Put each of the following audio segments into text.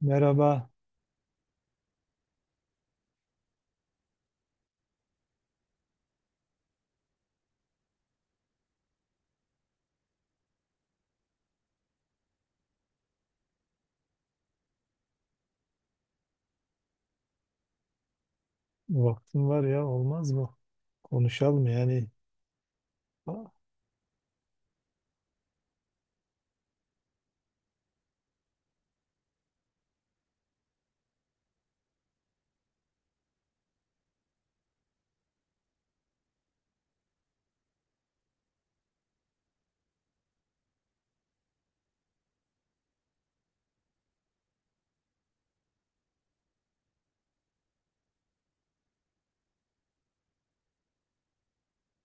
Merhaba. Vaktim var ya olmaz mı? Konuşalım yani. Aa.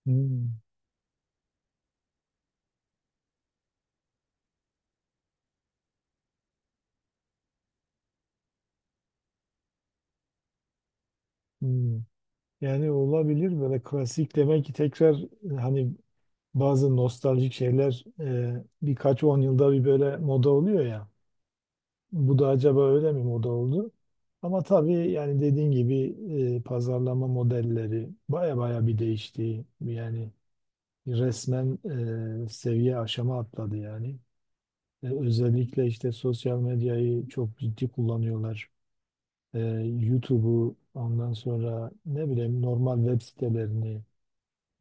Hmm. Hmm. Yani olabilir, böyle klasik demek ki tekrar hani bazı nostaljik şeyler birkaç 10 yılda bir böyle moda oluyor ya. Bu da acaba öyle mi moda oldu? Ama tabii yani dediğin gibi pazarlama modelleri baya baya bir değişti. Yani resmen seviye aşama atladı yani. Özellikle işte sosyal medyayı çok ciddi kullanıyorlar. E, YouTube'u, ondan sonra ne bileyim, normal web sitelerini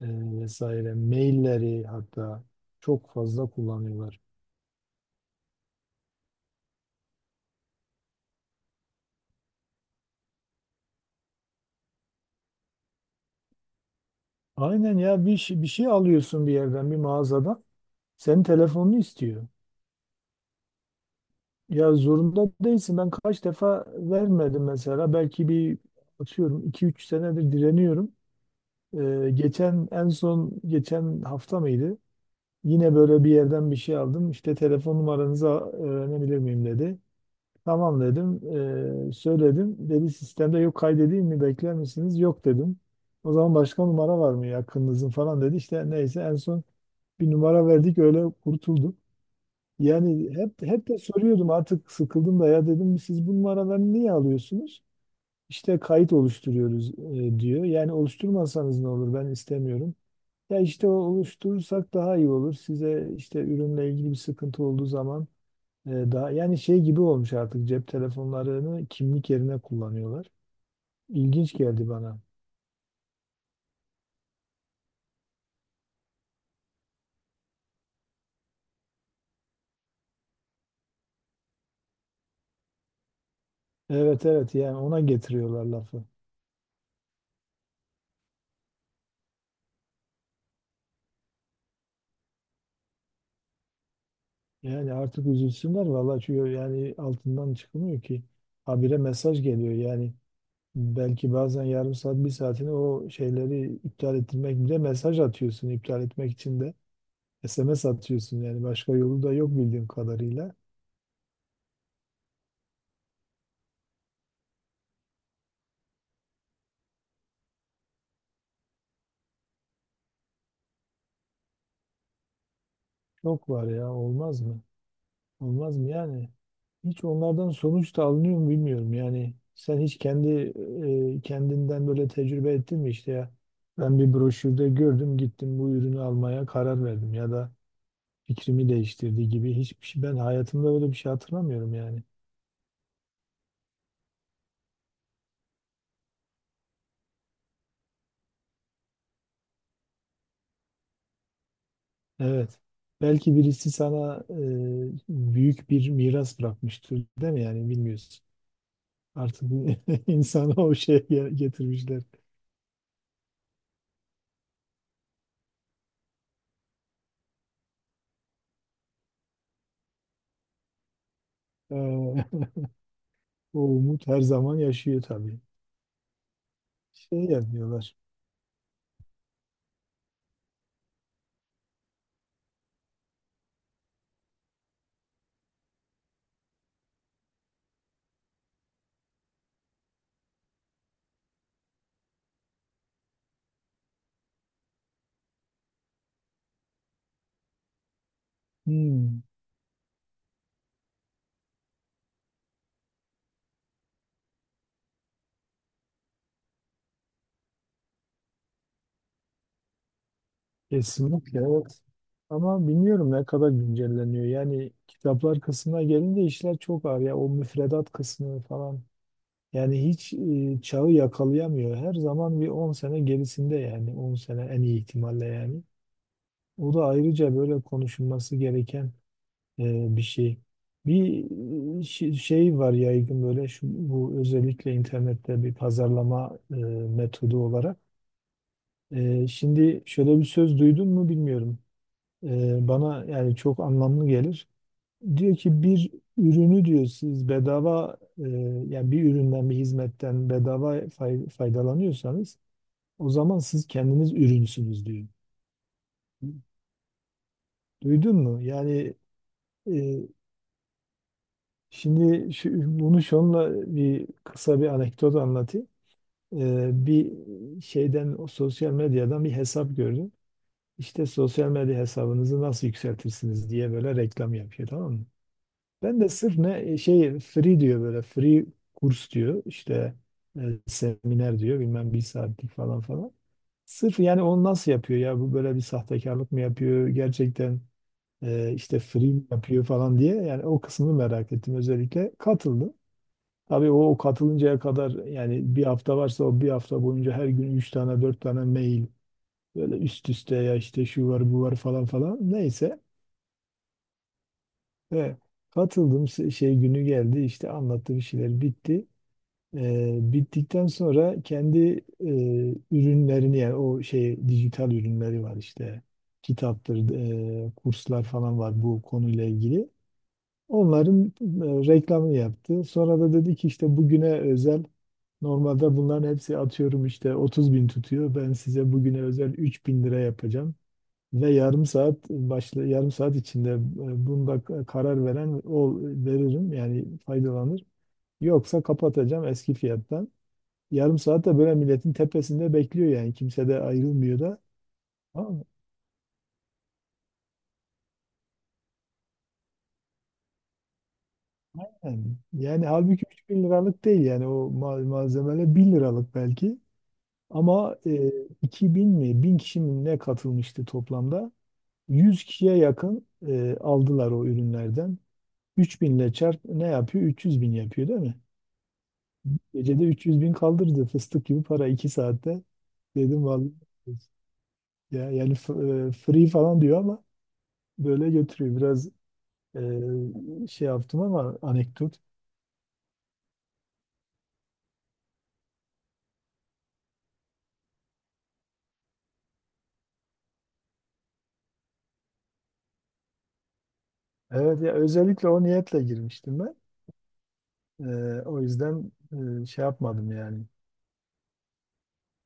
e, vesaire, mailleri hatta çok fazla kullanıyorlar. Aynen ya, bir şey alıyorsun bir yerden, bir mağazadan, senin telefonunu istiyor. Ya zorunda değilsin, ben kaç defa vermedim mesela, belki bir, atıyorum iki üç senedir direniyorum. Geçen, en son geçen hafta mıydı? Yine böyle bir yerden bir şey aldım. İşte telefon numaranızı öğrenebilir miyim dedi. Tamam dedim. Söyledim. Dedi sistemde yok, kaydedeyim mi, bekler misiniz? Yok dedim. O zaman başka numara var mı yakınınızın falan dedi. İşte neyse, en son bir numara verdik, öyle kurtulduk. Yani hep de soruyordum, artık sıkıldım da ya, dedim siz bu numaraları niye alıyorsunuz? İşte kayıt oluşturuyoruz diyor. Yani oluşturmasanız ne olur, ben istemiyorum. Ya işte, o oluşturursak daha iyi olur. Size işte ürünle ilgili bir sıkıntı olduğu zaman daha, yani şey gibi olmuş, artık cep telefonlarını kimlik yerine kullanıyorlar. İlginç geldi bana. Evet, evet, yani ona getiriyorlar lafı. Yani artık üzülsünler vallahi, çünkü yani altından çıkılmıyor ki. Habire mesaj geliyor yani, belki bazen yarım saat, bir saatini o şeyleri iptal ettirmek bile, mesaj atıyorsun iptal etmek için de SMS atıyorsun yani, başka yolu da yok bildiğim kadarıyla. Çok var, ya olmaz mı? Olmaz mı yani? Hiç onlardan sonuç da alınıyor mu bilmiyorum yani. Sen hiç kendinden böyle tecrübe ettin mi işte ya? Ben bir broşürde gördüm, gittim bu ürünü almaya karar verdim, ya da fikrimi değiştirdi gibi hiçbir şey ben hayatımda böyle bir şey hatırlamıyorum yani. Evet. Belki birisi sana büyük bir miras bırakmıştır, değil mi, yani bilmiyorsun. Artık insanı o şeye getirmişler. Ee, O umut her zaman yaşıyor tabii. Şey yapıyorlar. Hmm, kesinlikle evet. Ama bilmiyorum ne kadar güncelleniyor. Yani kitaplar kısmına gelince işler çok ağır ya. O müfredat kısmı falan. Yani hiç çağı yakalayamıyor. Her zaman bir 10 sene gerisinde yani. 10 sene en iyi ihtimalle yani. O da ayrıca böyle konuşulması gereken bir şey. Bir şey var yaygın, böyle şu, bu özellikle internette bir pazarlama metodu olarak. Şimdi, şöyle bir söz duydun mu bilmiyorum. Bana yani çok anlamlı gelir. Diyor ki bir ürünü diyor siz bedava, yani bir üründen, bir hizmetten bedava faydalanıyorsanız, o zaman siz kendiniz ürünsünüz diyor. Duydun mu? Yani, e, şimdi şu, bunu şunla bir kısa bir anekdot anlatayım. Bir şeyden, o sosyal medyadan bir hesap gördüm. İşte sosyal medya hesabınızı nasıl yükseltirsiniz diye böyle reklam yapıyor, tamam mı? Ben de sırf ne şey, free diyor böyle, free kurs diyor işte e, seminer diyor, bilmem bir saatlik falan falan. Sırf yani onu nasıl yapıyor ya, bu böyle bir sahtekarlık mı yapıyor gerçekten, işte free mi yapıyor falan diye, yani o kısmını merak ettim, özellikle katıldım. Tabii o katılıncaya kadar yani, bir hafta varsa o bir hafta boyunca her gün 3 tane 4 tane mail, böyle üst üste ya, işte şu var bu var falan falan. Neyse. He. Katıldım, şey günü geldi, işte anlattı, bir şeyler bitti. Bittikten sonra kendi e, ürünlerini, yani o şey, dijital ürünleri var işte, kitaptır, kurslar falan var bu konuyla ilgili. Onların reklamını yaptı. Sonra da dedi ki işte bugüne özel, normalde bunların hepsi atıyorum işte 30 bin tutuyor. Ben size bugüne özel 3 bin lira yapacağım. Ve yarım saat başla, yarım saat içinde bunda karar veren, o veririm yani, faydalanır. Yoksa kapatacağım eski fiyattan. Yarım saat de böyle milletin tepesinde bekliyor yani, kimse de ayrılmıyor da. Tamam mı? Yani, yani halbuki 3.000 liralık değil yani, o malzemeler 1000 liralık belki. Ama 2.000 mi, 1000 kişi mi ne katılmıştı toplamda? 100 kişiye yakın aldılar o ürünlerden. 3.000 ile çarp ne yapıyor? 300 bin yapıyor değil mi? Gecede 300 bin kaldırdı, fıstık gibi para, 2 saatte. Dedim vallahi, ya yani free falan diyor ama böyle götürüyor. Biraz şey yaptım ama, anekdot. Evet ya, özellikle o niyetle girmiştim ben. O yüzden şey yapmadım yani.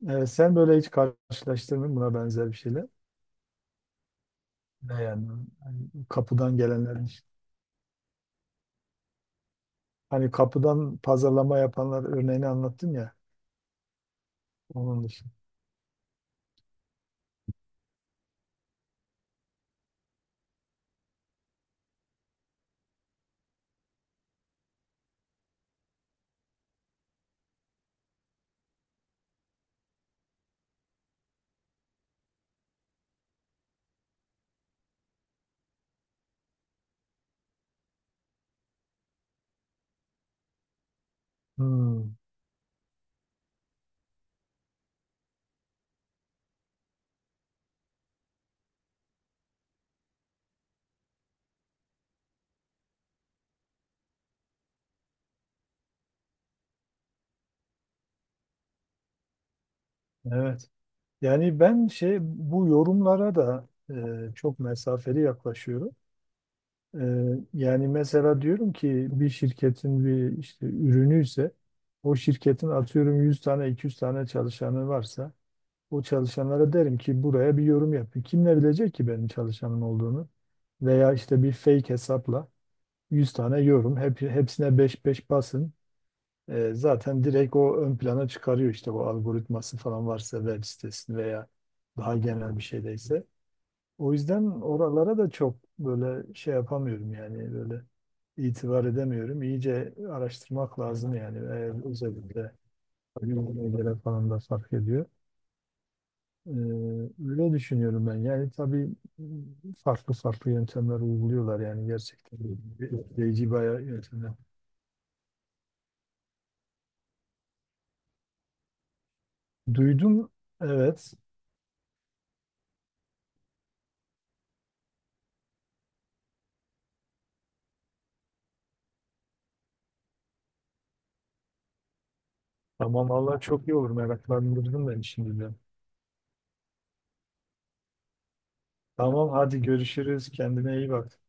Evet, sen böyle hiç karşılaştırdın mı buna benzer bir şeyler? Ne yani? Hani kapıdan gelenler işte. Hani kapıdan pazarlama yapanlar örneğini anlattım ya, onun dışında. Hmm, evet. Yani ben şey, bu yorumlara da çok mesafeli yaklaşıyorum. E, yani mesela, diyorum ki bir şirketin bir işte ürünü ise, o şirketin atıyorum 100 tane 200 tane çalışanı varsa, o çalışanlara derim ki buraya bir yorum yapın. Kim ne bilecek ki benim çalışanım olduğunu? Veya işte bir fake hesapla 100 tane yorum, hepsine 5-5 basın. Zaten direkt o ön plana çıkarıyor işte, bu algoritması falan varsa web sitesini, veya daha genel bir şeydeyse. O yüzden oralara da çok böyle şey yapamıyorum yani, böyle itibar edemiyorum. İyice araştırmak lazım yani, eğer özellikle günümüze göre falan da fark ediyor. E, öyle düşünüyorum ben. Yani tabii farklı farklı yöntemler uyguluyorlar yani, gerçekten etkileyici bayağı yöntemler. Duydum evet. Tamam valla, çok iyi olur, meraklandırdın beni şimdi de. Tamam hadi görüşürüz, kendine iyi bak.